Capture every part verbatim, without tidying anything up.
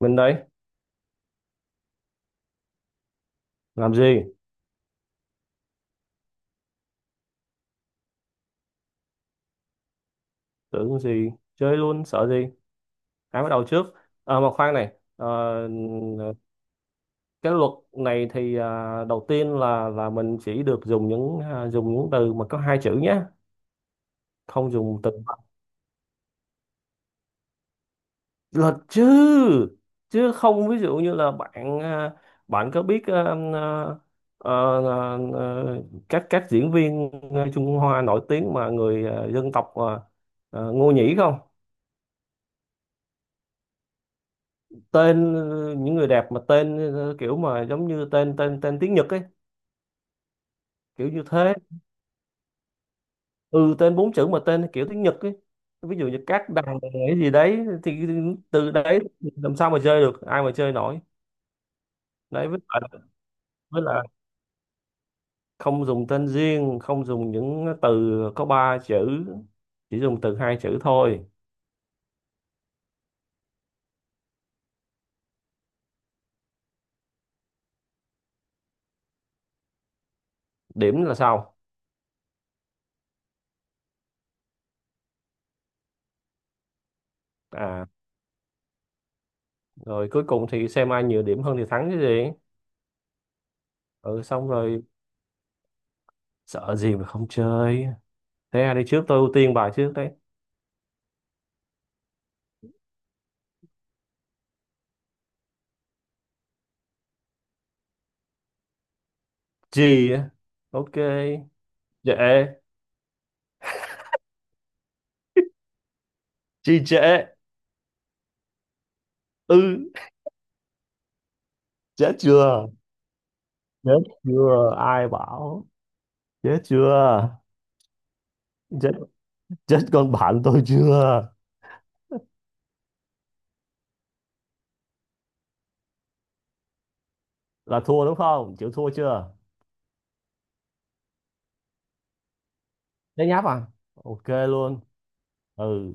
Mình đây, làm gì? Tưởng gì? Chơi luôn, sợ gì? Ai bắt đầu trước? À, mà khoan này, ờ, cái luật này thì à, đầu tiên là là mình chỉ được dùng những à, dùng những từ mà có hai chữ nhé, không dùng từ luật chứ, chứ không. Ví dụ như là bạn à, bạn có biết à, à, à, à, à, các các diễn viên à, Trung Hoa nổi tiếng, mà người à, dân tộc à, à, Ngô Nhĩ không? Tên ờ, những người đẹp mà tên ờ, kiểu mà giống như tên tên tên tiếng Nhật ấy, kiểu như thế. Ừ, tên bốn chữ mà tên kiểu tiếng Nhật ấy. Ví dụ như các đằng cái gì đấy, thì từ đấy làm sao mà chơi được, ai mà chơi nổi đấy. Với lại với lại không dùng tên riêng, không dùng những từ có ba chữ, chỉ dùng từ hai chữ thôi. Điểm là sau. À rồi cuối cùng thì xem ai nhiều điểm hơn thì thắng chứ gì. Ừ, xong rồi. Sợ gì mà không chơi? Thế ai đi trước? Tôi ưu tiên bài trước đấy. Gì á? Ok. Dễ. Gì dễ? Ư. Chết chưa? Chết chưa ai bảo? Chết chưa? Chết. Chết con bạn tôi chưa? Là thua đúng không? Chịu thua chưa? Nhớ nháp à? Ok luôn. Ừ.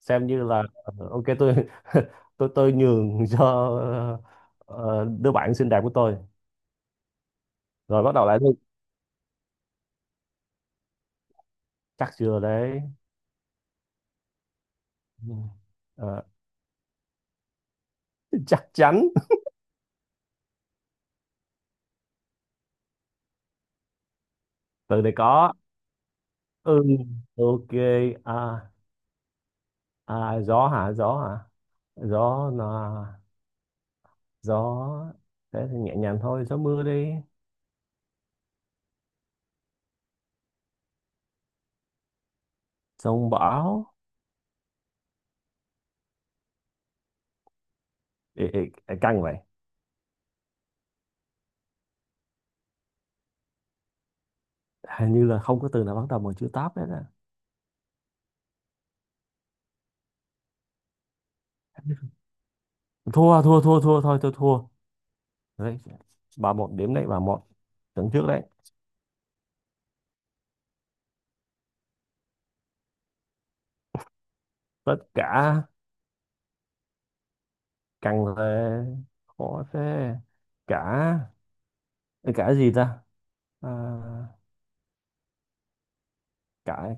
Xem như là ok, tôi tôi tôi nhường cho ờ, đứa bạn xinh đẹp của tôi. Rồi bắt đầu lại đi. Chắc chưa đấy? Ừ. Ờ, chắc chắn. Từ này có. Ừ. Ok. À. À, gió hả? Gió hả? Gió là gió. Thế thì nhẹ nhàng thôi, gió mưa đi. Sông bão. Ê, ê, ê, căng vậy. Hình như là không có từ nào bắt đầu bằng chữ táp hết á. Thua, thua, thua, thua thôi, tôi thua. Đấy, ba một điểm đấy, ba một. Tưởng trước đấy. Tất cả căng về, khó thế. Cả cả gì ta? À, cả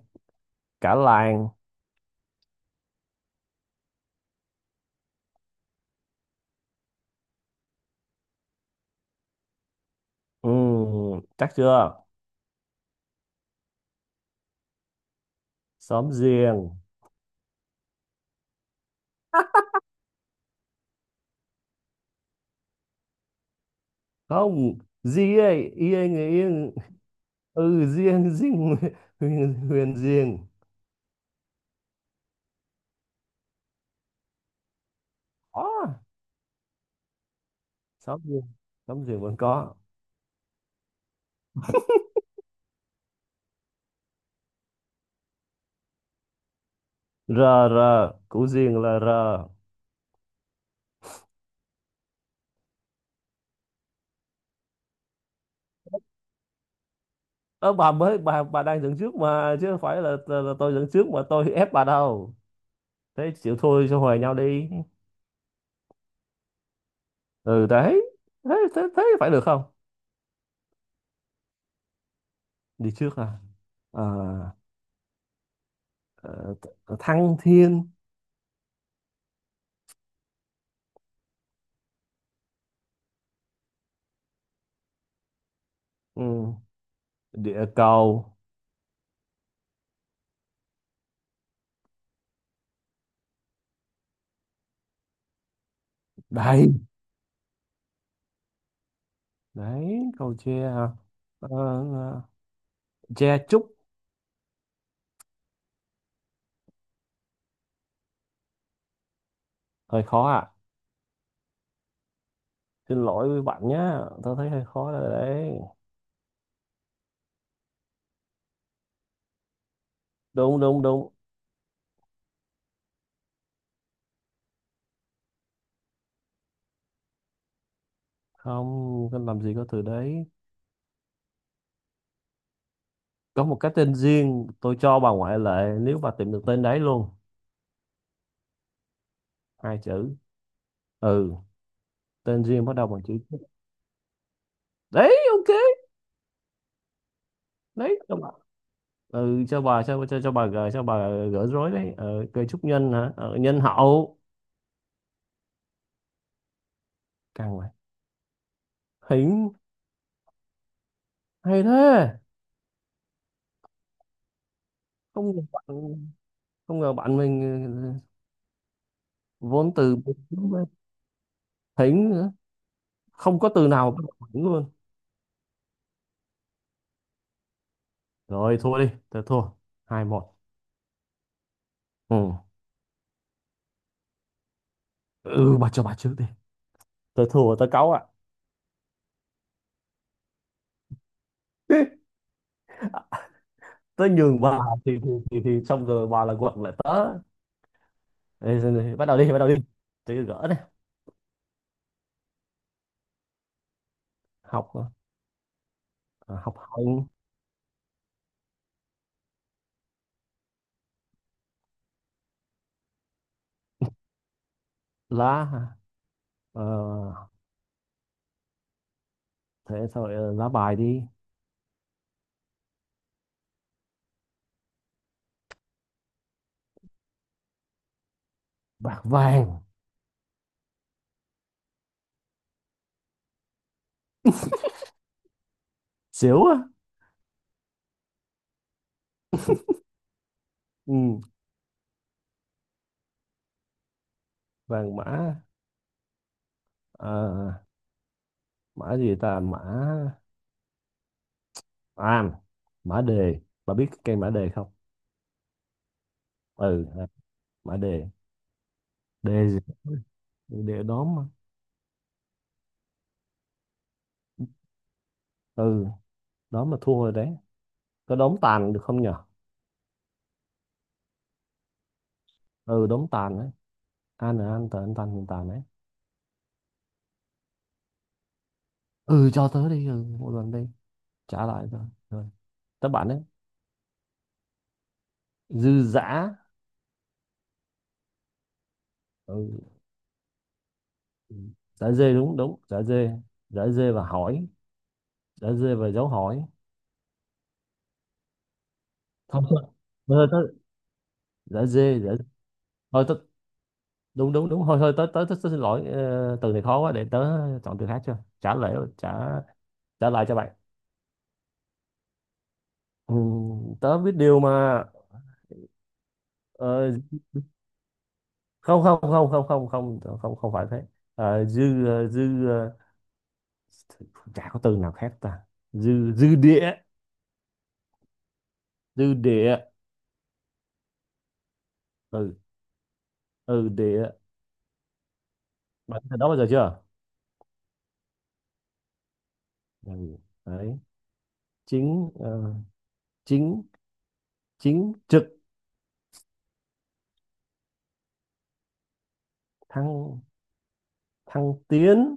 cả làng. Ừ, chắc chưa? Xóm giềng. Không, gì ấy, yên người yên. Ừ, riêng, riêng, huyền, huyền riêng. Có xóm riêng, xóm riêng vẫn có. R. R. Củ riêng là r. Ơ bà mới, bà bà đang dẫn trước mà, chứ không phải là, là, là tôi dẫn trước mà tôi ép bà đâu. Thế chịu thôi, cho hòa nhau đi. Ừ, đấy. Thế thế thế phải được không? Đi trước à? Ờ, ờ, th- thăng thiên. Ừ. Địa cầu. Đầy. Đấy, cầu tre à? Ờ, tre trúc. Hơi khó ạ. Xin lỗi với bạn nhá, tao thấy hơi khó rồi đấy. Đúng, đúng, đúng. Không, không làm gì có từ đấy. Có một cái tên riêng, tôi cho bà ngoại lệ nếu bà tìm được tên đấy luôn. Hai chữ. Ừ, tên riêng bắt đầu bằng chữ T. Đấy, ok. Đấy, cho bà. Ừ, cho bà, cho cho, cho bà gỡ, cho bà gỡ rối đấy. Ờ, cây trúc nhân hả? Ờ, nhân hậu. Càng vậy. Hỉnh. Hay thế. Không ngờ bạn, không ngờ bạn mình. Ừ, vốn từ. Hỉnh nữa. Không có từ nào bắt đầu bằng hỉnh luôn. Rồi thua đi, tớ thua. Hai một. Ừ. Ừ, bà cho bà trước đi. Tớ thua, tớ cáu ạ. Tớ nhường bà, thì thì thì, thì xong rồi bà là quật lại tớ. Đây, đây, đây, bắt đầu đi, bắt đầu đi. Tớ gỡ này. Học. À, học hành. Lá hả? ờ, thế sao lại lá bài đi. Bạc vàng. Xíu á. Ừ, vàng mã. Ờ, mã gì ta? Mã. À, mã đề. Bà biết cái cây mã đề không? Ừ, mã đề. Đề gì? Đề đóm mà. Ừ, đó mà thua rồi đấy. Có đống tàn được không nhở? Ừ, đống tàn đấy. An là an tờ, an tàn, tàn tàn đấy. Ừ, cho tớ đi, ừ, một lần đi. Trả lại rồi. Rồi. Các bạn đấy. Dư dã. Ừ. Ừ. Dã dê, đúng, đúng, dã dê. Dã dê và hỏi. Dã dê và dấu hỏi. Không, thôi. Thôi tớ. Dã dê dã. Thôi tớ. Đúng, đúng, đúng, thôi, thôi tớ tớ, tớ, tớ, xin lỗi. Ờ, từ này khó quá, để tớ chọn từ khác cho, trả lại trả. Trả lại cho bạn. Ừ, tớ biết điều mà. Ờ, không, không, không, không, không, không, không, không phải thế. Ờ, dư, ờ, dư, ờ, chả có từ nào khác ta. Dư dư địa. Dư địa. Ừ. Ừ, địa. Bạn từ đó bao giờ chưa? Ừ. Đấy. Chính ờ, chính chính trực. Thăng thăng tiến.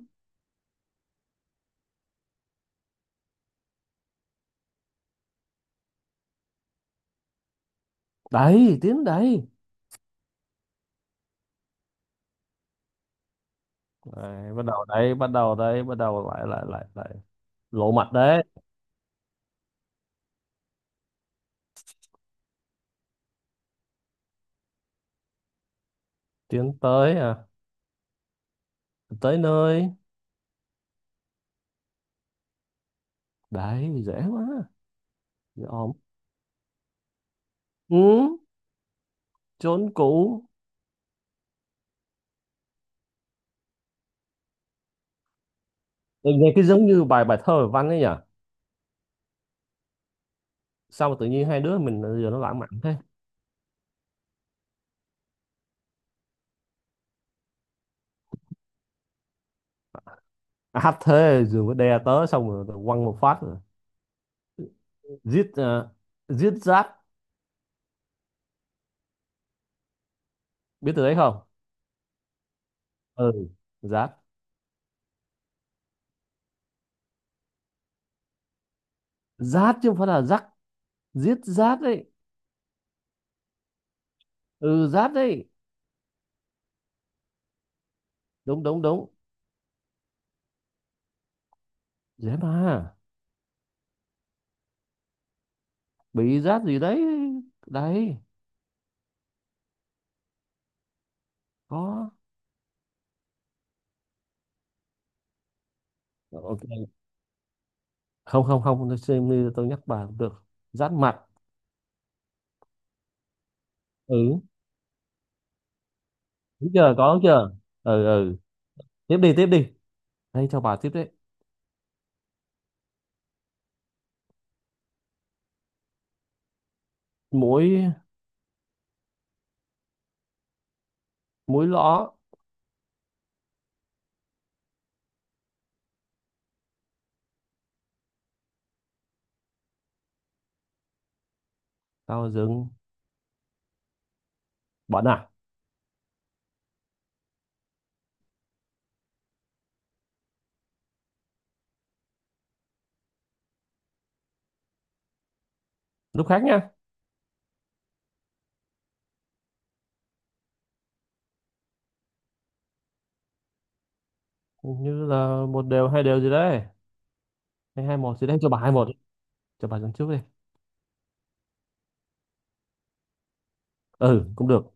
Đấy, tiến đấy. Đấy, bắt đầu đấy, bắt đầu đấy, bắt đầu lại lại lại lại. Lộ mặt đấy. Tiến tới. À, tới nơi. Đấy, dễ quá. Dễ ổn. Ừ, chốn cũ. Nghe nghe cái giống như bài bài thơ văn ấy nhỉ. Sao mà tự nhiên hai đứa mình giờ nó lãng mạn thế. À, hát thế rồi có đè tớ xong rồi quăng một phát rồi. giết ờ, giết rát. Biết từ đấy không? Ừ, rát. Rát chứ không phải là rắc. Giết rát đấy. Ừ, rát đấy. Đúng, đúng, đúng. Dễ mà. Bị rát gì đấy. Đấy. Có. Ok, không, không, không, tôi xem như tôi nhắc bà cũng được. Rát mặt. Ừ. Đúng chưa? Có chưa? Ừ, ừ. Tiếp đi, tiếp đi. Đây, cho bà tiếp đấy. Mỗi múi lõ. Tao dừng. Bận à? Lúc khác nha. Hình như là một đều, hai đều gì đấy, hay hai một gì đấy. Cho bà hai một. Cho bà dẫn trước đi. Ừ, cũng được.